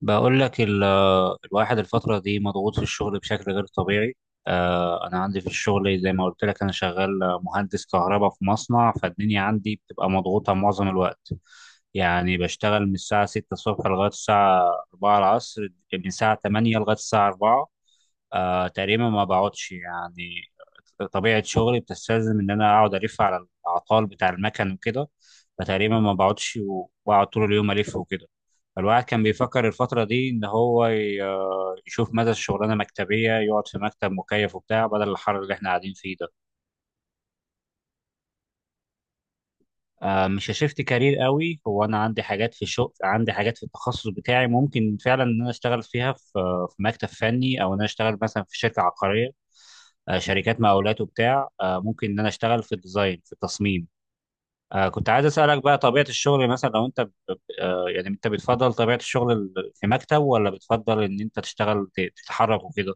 بقول لك الواحد الفترة دي مضغوط في الشغل بشكل غير طبيعي. أنا عندي في الشغل، زي ما قلت لك، أنا شغال مهندس كهرباء في مصنع، فالدنيا عندي بتبقى مضغوطة معظم الوقت. يعني بشتغل من الساعة 6 الصبح لغاية الساعة 4 العصر، من الساعة 8 لغاية الساعة 4. تقريبا ما بقعدش يعني. طبيعة شغلي بتستلزم إن أنا أقعد ألف على الأعطال بتاع المكن وكده، فتقريبا ما بقعدش وبقعد طول اليوم ألف وكده. الواحد كان بيفكر الفترة دي إن هو يشوف مدى الشغلانة مكتبية، يقعد في مكتب مكيف وبتاع بدل الحر اللي إحنا قاعدين فيه ده. مش هشفت كارير قوي، هو أنا عندي حاجات في الشغل، عندي حاجات في التخصص بتاعي ممكن فعلا إن أنا أشتغل فيها في، مكتب فني، أو إن أنا أشتغل مثلا في شركة عقارية، شركات مقاولات وبتاع، ممكن إن أنا أشتغل في الديزاين، في التصميم. كنت عايز أسألك بقى طبيعة الشغل، مثلا لو أنت يعني أنت بتفضل طبيعة الشغل في مكتب، ولا بتفضل إن أنت تشتغل تتحرك وكده؟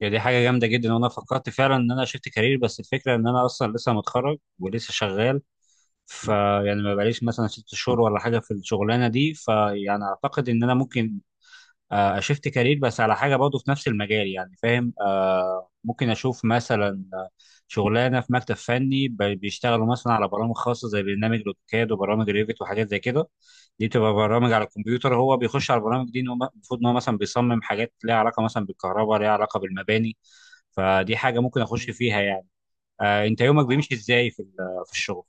يعني دي حاجة جامدة جدا، وأنا فكرت فعلا إن أنا شفت كارير، بس الفكرة إن أنا أصلا لسه متخرج ولسه شغال، فيعني ما بقاليش مثلا ست شهور ولا حاجة في الشغلانة دي، فيعني أعتقد إن أنا ممكن اشفت كارير، بس على حاجه برضه في نفس المجال، يعني فاهم، ممكن اشوف مثلا، شغلانه في مكتب فني بيشتغلوا مثلا على برامج خاصه زي برنامج الاوتوكاد وبرامج ريفت وحاجات زي كده. دي بتبقى برامج على الكمبيوتر، هو بيخش على البرامج دي إن هو المفروض ان هو مثلا بيصمم حاجات ليها علاقه مثلا بالكهرباء، ليها علاقه بالمباني. فدي حاجه ممكن اخش فيها يعني. انت يومك بيمشي ازاي في في الشغل؟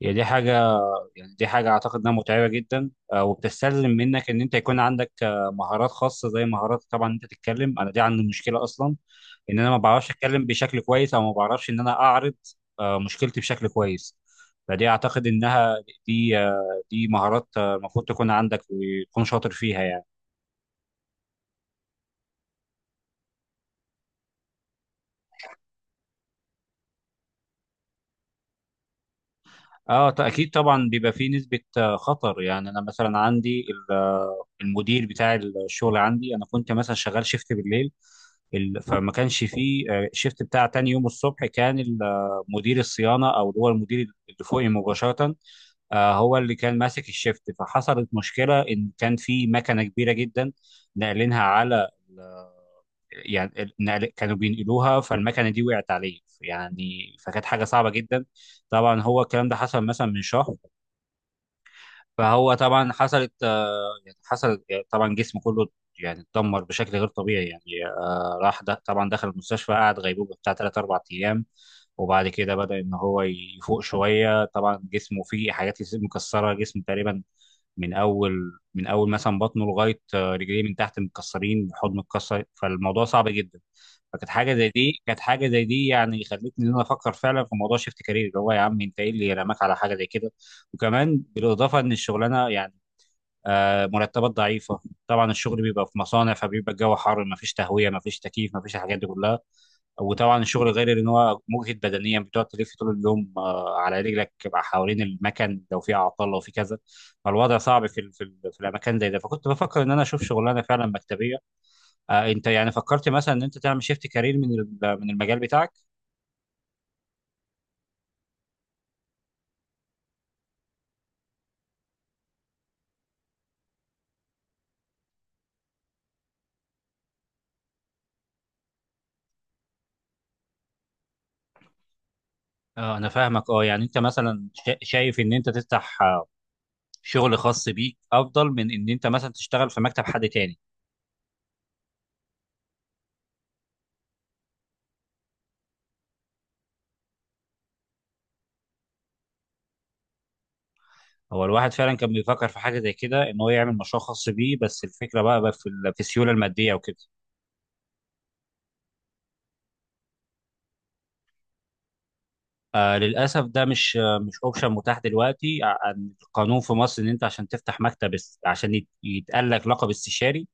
يعني دي حاجه يعني دي حاجة أعتقد إنها متعبة جدا، وبتستلزم منك إن أنت يكون عندك مهارات خاصة، زي مهارات، طبعا أنت تتكلم، أنا دي عندي مشكلة أصلا، إن أنا ما بعرفش أتكلم بشكل كويس، أو ما بعرفش إن أنا أعرض مشكلتي بشكل كويس. فدي أعتقد إنها، دي دي مهارات، المفروض تكون عندك وتكون شاطر فيها يعني. اه اكيد طبعا بيبى فيه نسبة خطر يعني، انا مثلا عندي المدير بتاع الشغل عندي، انا كنت مثلا شغال شيفت بالليل، فما كانش فيه شيفت بتاع تاني يوم الصبح، كان مدير الصيانة، او اللي هو المدير اللي فوقي مباشرة، هو اللي كان ماسك الشيفت. فحصلت مشكلة ان كان في مكنة كبيرة جدا ناقلينها على، يعني كانوا بينقلوها، فالمكنه دي وقعت عليه يعني، فكانت حاجه صعبه جدا. طبعا هو الكلام ده حصل مثلا من شهر. فهو طبعا حصلت، آه، يعني حصل آه، طبعا جسمه كله يعني اتدمر بشكل غير طبيعي يعني، راح، ده طبعا دخل المستشفى، قعد غيبوبة بتاع 3 4 ايام، وبعد كده بدأ ان هو يفوق شوية. طبعا جسمه فيه حاجات مكسرة، جسمه تقريبا من اول مثلا بطنه لغاية رجليه من تحت متكسرين، حضنه متكسر، فالموضوع صعب جدا. فكانت حاجة زي دي يعني خلتني ان انا افكر فعلا في موضوع شيفت كارير، اللي هو يا عم انت ايه اللي رماك على حاجة زي كده. وكمان بالاضافة ان الشغلانة يعني مرتبات ضعيفه. طبعا الشغل بيبقى في مصانع، فبيبقى الجو حر، ما فيش تهويه، ما فيش تكييف، ما فيش الحاجات دي كلها. وطبعا الشغل غير ان هو مجهد بدنيا، بتقعد تلف طول اليوم على رجلك بقى حوالين المكن، لو في اعطال، لو في كذا. فالوضع صعب في في الاماكن زي ده، فكنت بفكر ان انا اشوف شغلانه فعلا مكتبيه. انت يعني فكرت مثلا ان انت تعمل شيفت كارير من من المجال بتاعك؟ انا فاهمك، اه يعني انت مثلا شايف ان انت تفتح شغل خاص بيك افضل من ان انت مثلا تشتغل في مكتب حد تاني. هو الواحد فعلا كان بيفكر في حاجه زي كده، ان هو يعمل مشروع خاص بيه، بس الفكره بقى في في السيوله الماديه وكده. للاسف، ده مش اوبشن متاح دلوقتي، عن القانون في مصر، ان انت عشان تفتح مكتب عشان يتقال لك لقب استشاري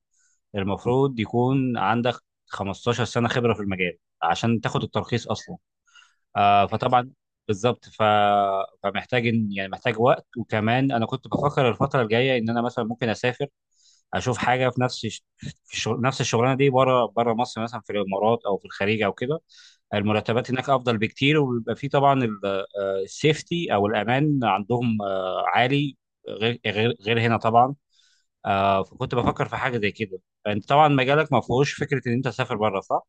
المفروض يكون عندك 15 سنه خبره في المجال عشان تاخد الترخيص اصلا. فطبعا، بالظبط. فمحتاج، يعني محتاج وقت. وكمان انا كنت بفكر الفتره الجايه ان انا مثلا ممكن اسافر، اشوف حاجه في نفس في الشغل، نفس الشغلانه دي، بره بره مصر، مثلا في الامارات او في الخليج او كده. المرتبات هناك افضل بكتير، وبيبقى في طبعا السيفتي او الامان عندهم عالي، غير هنا طبعا. فكنت بفكر في حاجه زي كده. انت طبعا مجالك ما فيهوش فكره ان انت تسافر بره، صح؟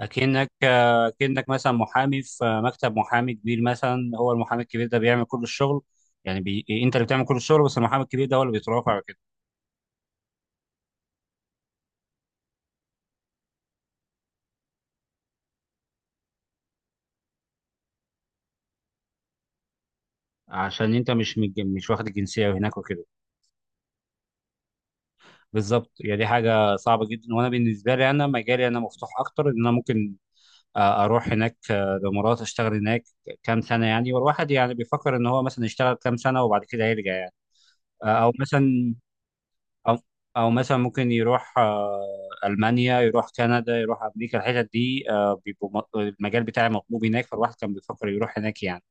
اكنك مثلا محامي في مكتب محامي كبير، مثلا هو المحامي الكبير ده بيعمل كل الشغل، يعني انت اللي بتعمل كل الشغل، بس المحامي الكبير ده هو اللي بيترافع كده، عشان انت مش واخد الجنسيه هناك وكده. بالظبط، يعني دي حاجه صعبه جدا، وانا بالنسبه لي، انا مجالي انا مفتوح اكتر ان انا ممكن اروح هناك، الامارات، اشتغل هناك كام سنه يعني، والواحد يعني بيفكر ان هو مثلا يشتغل كام سنه وبعد كده يرجع يعني. او مثلا، او او مثلا ممكن يروح المانيا، يروح كندا، يروح امريكا، الحتت دي بيبقوا المجال بتاعي مطلوب هناك، فالواحد كان بيفكر يروح هناك يعني.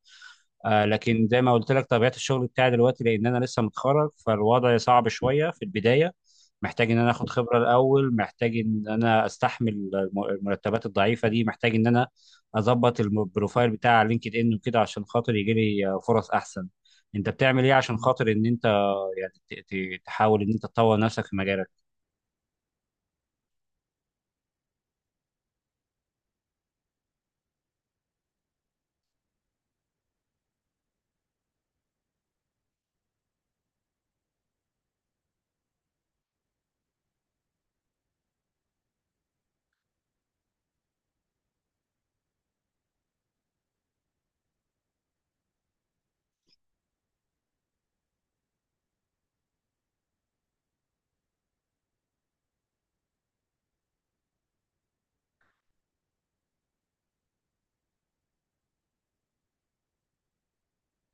لكن زي ما قلت لك، طبيعة الشغل بتاعي دلوقتي، لأن أنا لسه متخرج، فالوضع صعب شوية في البداية. محتاج إن أنا آخد خبرة الأول، محتاج إن أنا أستحمل المرتبات الضعيفة دي، محتاج إن أنا أظبط البروفايل بتاع على لينكد إن وكده، عشان خاطر يجي لي فرص أحسن. أنت بتعمل إيه عشان خاطر إن أنت يعني ت- تحاول إن أنت تطور نفسك في مجالك؟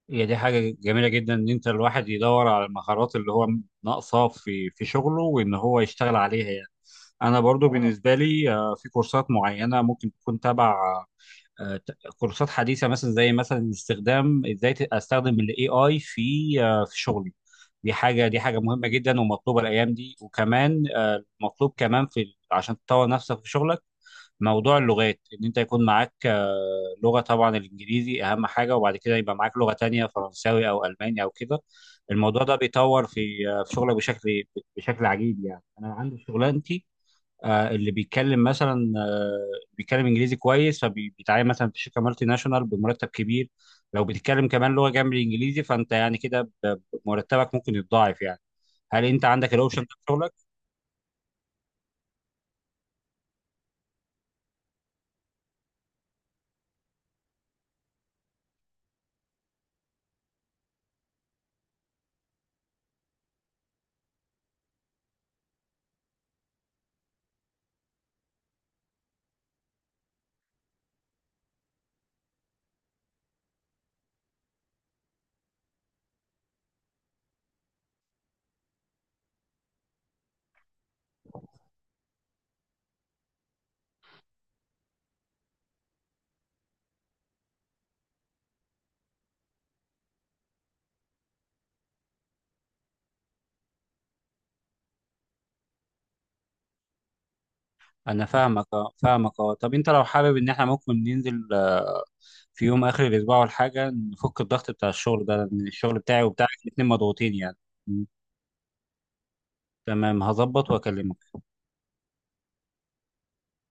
هي دي حاجة جميلة جدا، إن أنت الواحد يدور على المهارات اللي هو ناقصاه في شغله، وإن هو يشتغل عليها يعني. أنا برضو بالنسبة لي، في كورسات معينة ممكن تكون تبع، كورسات حديثة، مثلا زي مثلا استخدام، إزاي أستخدم ال AI في في شغلي. دي حاجة مهمة جدا ومطلوبة الأيام دي، وكمان مطلوب كمان في عشان تطور نفسك في شغلك. موضوع اللغات، ان انت يكون معاك لغه، طبعا الانجليزي اهم حاجه، وبعد كده يبقى معاك لغه تانية، فرنساوي او الماني او كده. الموضوع ده بيطور في في شغلك بشكل، بشكل عجيب يعني. انا عندي في شغلانتي اللي بيتكلم مثلا بيتكلم انجليزي كويس، فبيتعين مثلا في شركه مالتي ناشونال بمرتب كبير. لو بتتكلم كمان لغه جنب الانجليزي، فانت يعني كده مرتبك ممكن يتضاعف يعني. هل انت عندك الاوبشن ده في شغلك؟ انا فاهمك، اه، طب انت لو حابب، ان احنا ممكن ننزل في يوم اخر الاسبوع ولا حاجه، نفك الضغط بتاع الشغل ده، لان الشغل بتاعي وبتاعك الاتنين مضغوطين يعني. م. تمام، هظبط واكلمك.